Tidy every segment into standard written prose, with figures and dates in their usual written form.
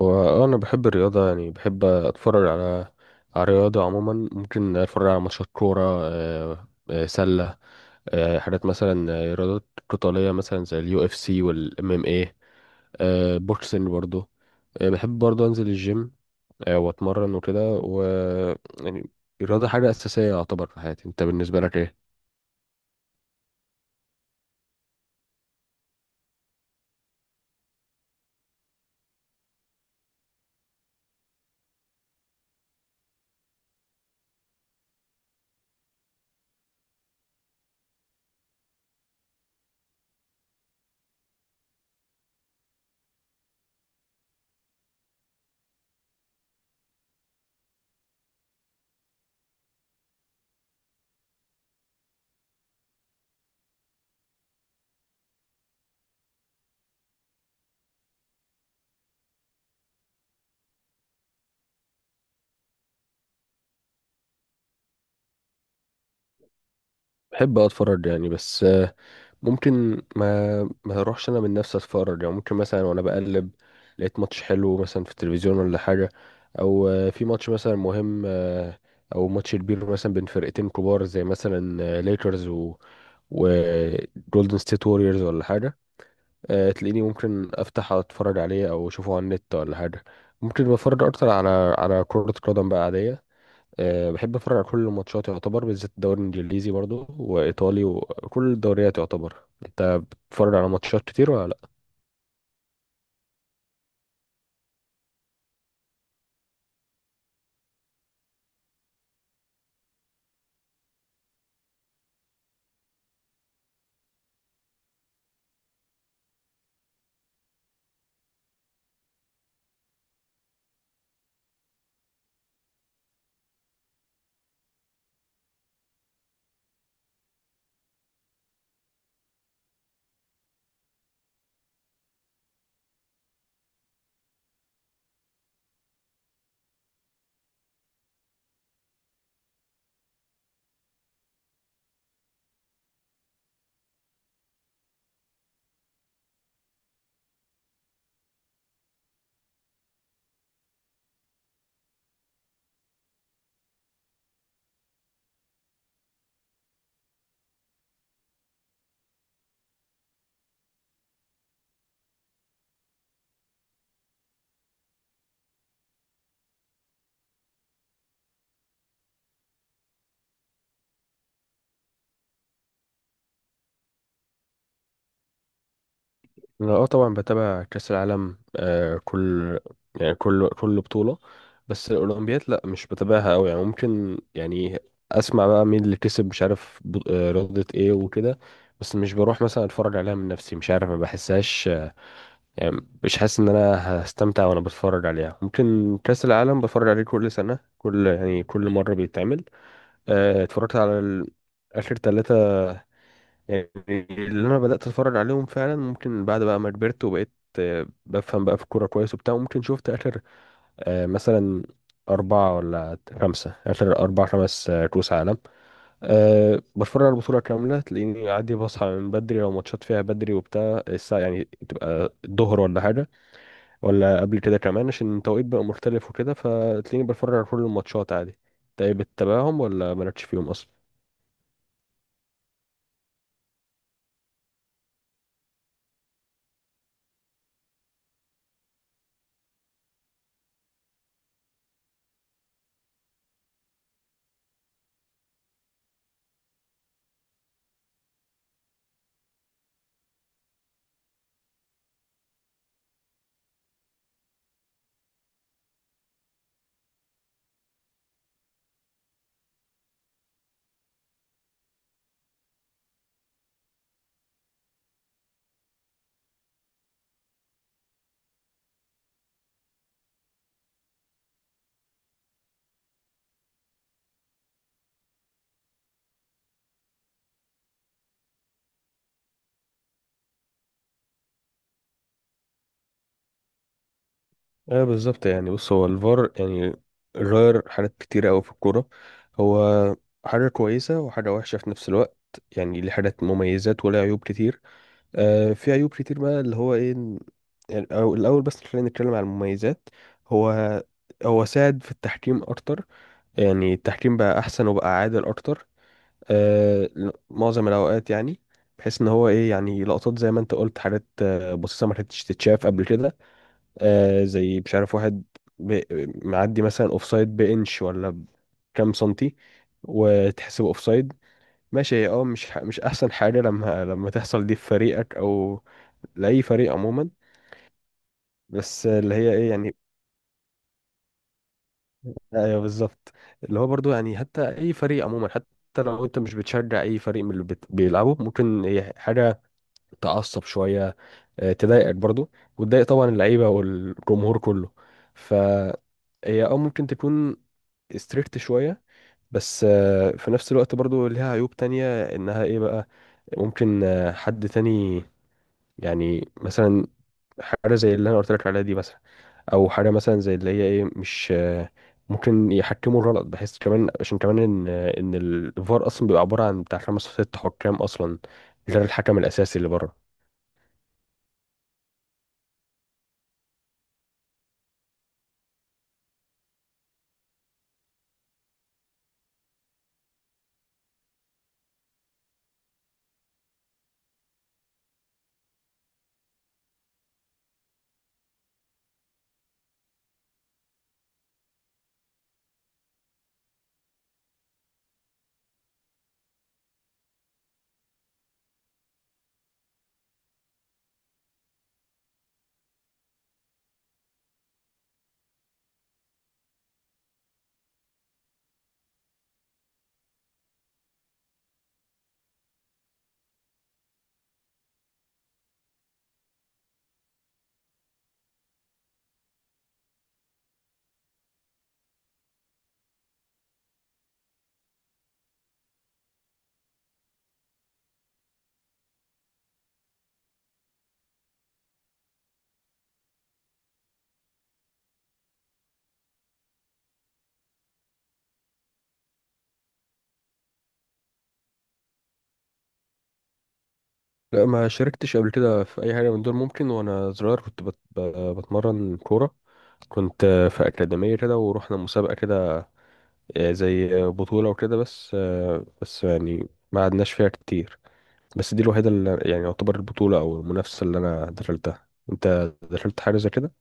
وانا بحب الرياضه يعني بحب اتفرج على الرياضه عموما. ممكن اتفرج على ماتشات كوره، سله، حاجات مثلا، رياضات قتاليه مثلا زي اليو اف سي والام ام اي، بوكسنج برضو. بحب برضو انزل الجيم، واتمرن وكده، و، يعني، الرياضه حاجه اساسيه يعتبر في حياتي. انت بالنسبه لك ايه؟ بحب اتفرج يعني، بس ممكن ما اروحش انا من نفسي اتفرج. يعني ممكن مثلا وانا بقلب لقيت ماتش حلو مثلا في التلفزيون، ولا حاجه، او في ماتش مثلا مهم، او ماتش كبير مثلا بين فرقتين كبار زي مثلا ليكرز و وجولدن ستيت ووريرز، ولا حاجه. تلاقيني ممكن افتح اتفرج عليه او اشوفه على النت، ولا حاجه. ممكن بتفرج اكتر على كره قدم بقى عاديه. بحب اتفرج على كل الماتشات يعتبر، بالذات الدوري الانجليزي برضو، وايطالي، وكل الدوريات يعتبر. انت بتتفرج على ماتشات كتير ولا لا؟ انا طبعا بتابع كاس العالم. كل، يعني كل بطولة. بس الاولمبياد لا، مش بتابعها قوي. يعني ممكن، يعني اسمع بقى مين اللي كسب، مش عارف رياضة ايه وكده. بس مش بروح مثلا اتفرج عليها من نفسي، مش عارف، ما بحسهاش. يعني مش حاسس ان انا هستمتع وانا بتفرج عليها. ممكن كأس العالم بتفرج عليه كل سنة، كل، يعني كل مرة بيتعمل. اتفرجت على اخر ثلاثة يعني. اللي انا بدأت اتفرج عليهم فعلا، ممكن بعد بقى ما كبرت وبقيت بفهم بقى في الكورة كويس وبتاع. ممكن شفت اخر، مثلا أربعة ولا خمسة، آخر أربع خمس، كأس عالم. بتفرج على البطولة كاملة، تلاقيني عادي بصحى من بدري لو ماتشات فيها بدري وبتاع الساعة، يعني تبقى الظهر ولا حاجة، ولا قبل كده كمان، عشان التوقيت بقى مختلف وكده، فتلاقيني بتفرج على كل الماتشات عادي. طيب، بتتابعهم ولا مالكش فيهم اصلا؟ ايه بالظبط، يعني بص، هو الفار يعني غير حاجات كتيرة أوي في الكورة. هو حاجة كويسة وحاجة وحشة في نفس الوقت. يعني ليه حاجات مميزات وله عيوب كتير. في عيوب كتير بقى، اللي هو ايه، يعني، أو الأول بس خلينا نتكلم عن المميزات. هو هو ساعد في التحكيم أكتر. يعني التحكيم بقى أحسن وبقى عادل أكتر، آه، معظم الاوقات. يعني بحيث ان هو ايه، يعني لقطات زي ما انت قلت، حاجات بسيطه ما كانتش تتشاف قبل كده، زي مش عارف واحد ب- معدي مثلا اوفسايد بانش ولا بكام سنتي، وتحسب اوفسايد. ماشي، هي مش مش احسن حاجه لما تحصل دي في فريقك او لاي فريق عموما. بس اللي هي ايه يعني؟ ايوه، بالظبط. اللي هو برضو يعني حتى اي فريق عموما، حتى لو انت مش بتشجع اي فريق من اللي بيلعبوا، ممكن هي حاجه تعصب شويه، تضايقك برضو، وتضايق طبعا اللعيبه والجمهور كله. فهي اه ممكن تكون ستريكت شويه. بس في نفس الوقت برضو ليها عيوب تانية، انها ايه بقى؟ ممكن حد تاني، يعني مثلا، حاجه زي اللي انا قلت لك عليها دي مثلا، او حاجه مثلا زي اللي هي ايه مش، ممكن يحكموا الغلط، بحيث كمان عشان كمان ان الفار اصلا بيبقى عباره عن بتاع خمس ست حكام اصلا، غير الحكم الاساسي اللي بره. لا، ما شاركتش قبل كده في اي حاجه من دول. ممكن وانا صغير كنت بتمرن كوره، كنت في اكاديميه كده، ورحنا مسابقه كده، زي بطوله وكده. بس يعني ما عدناش فيها كتير. بس دي الوحيده اللي يعني يعتبر البطوله او المنافسه اللي انا دخلتها. انت دخلت حاجه زي كده؟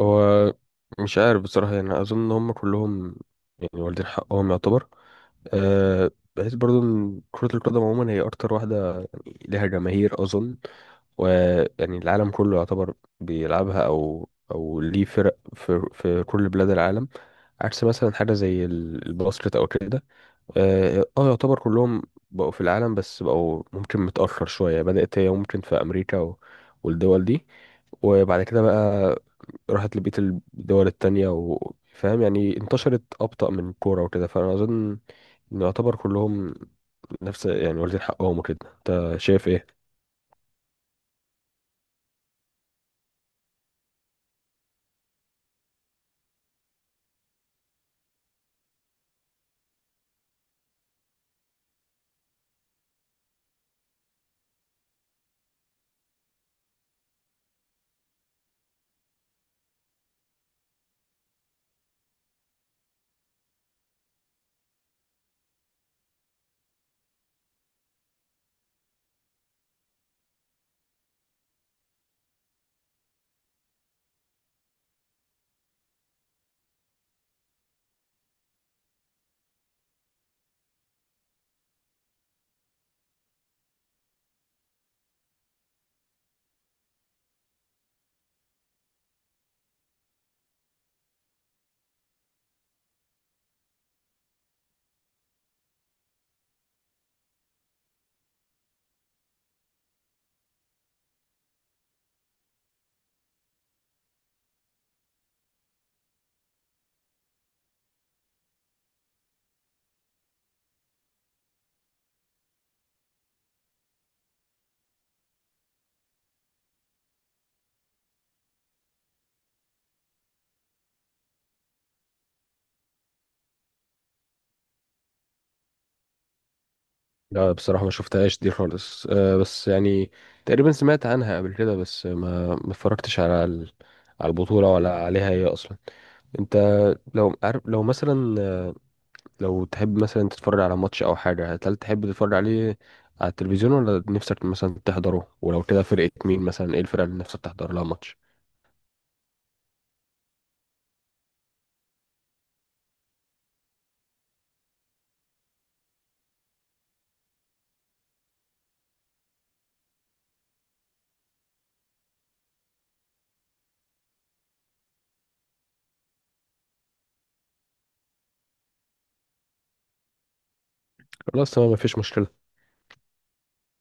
هو مش عارف بصراحه، يعني اظن ان هم كلهم، يعني والدين حقهم يعتبر. بحيث برضو ان كرة القدم عموما هي أكتر واحدة، يعني ليها جماهير أظن، ويعني العالم كله يعتبر بيلعبها، او ليه فرق في كل بلاد العالم، عكس مثلا حاجه زي الباسكت او كده. يعتبر كلهم بقوا في العالم، بس بقوا ممكن متاخر شويه، بدات هي ممكن في امريكا والدول دي، وبعد كده بقى راحت لبقيه الدول التانية، وفاهم يعني انتشرت ابطا من الكوره وكده. فانا اظن ان يعتبر كلهم نفس، يعني واخدين حقهم وكده. انت شايف ايه؟ لا بصراحة، ما شفتهاش دي خالص. بس يعني، تقريبا سمعت عنها قبل كده، بس ما اتفرجتش على على البطولة ولا عليها هي أصلا. أنت لو عارف، لو مثلا، لو تحب مثلا تتفرج على ماتش أو حاجة، هل تحب تتفرج عليه على التلفزيون، ولا نفسك مثلا تحضره؟ ولو كده، فرقة مين مثلا، إيه الفرقة اللي نفسك تحضر لها ماتش؟ خلاص تمام، مفيش مشكلة.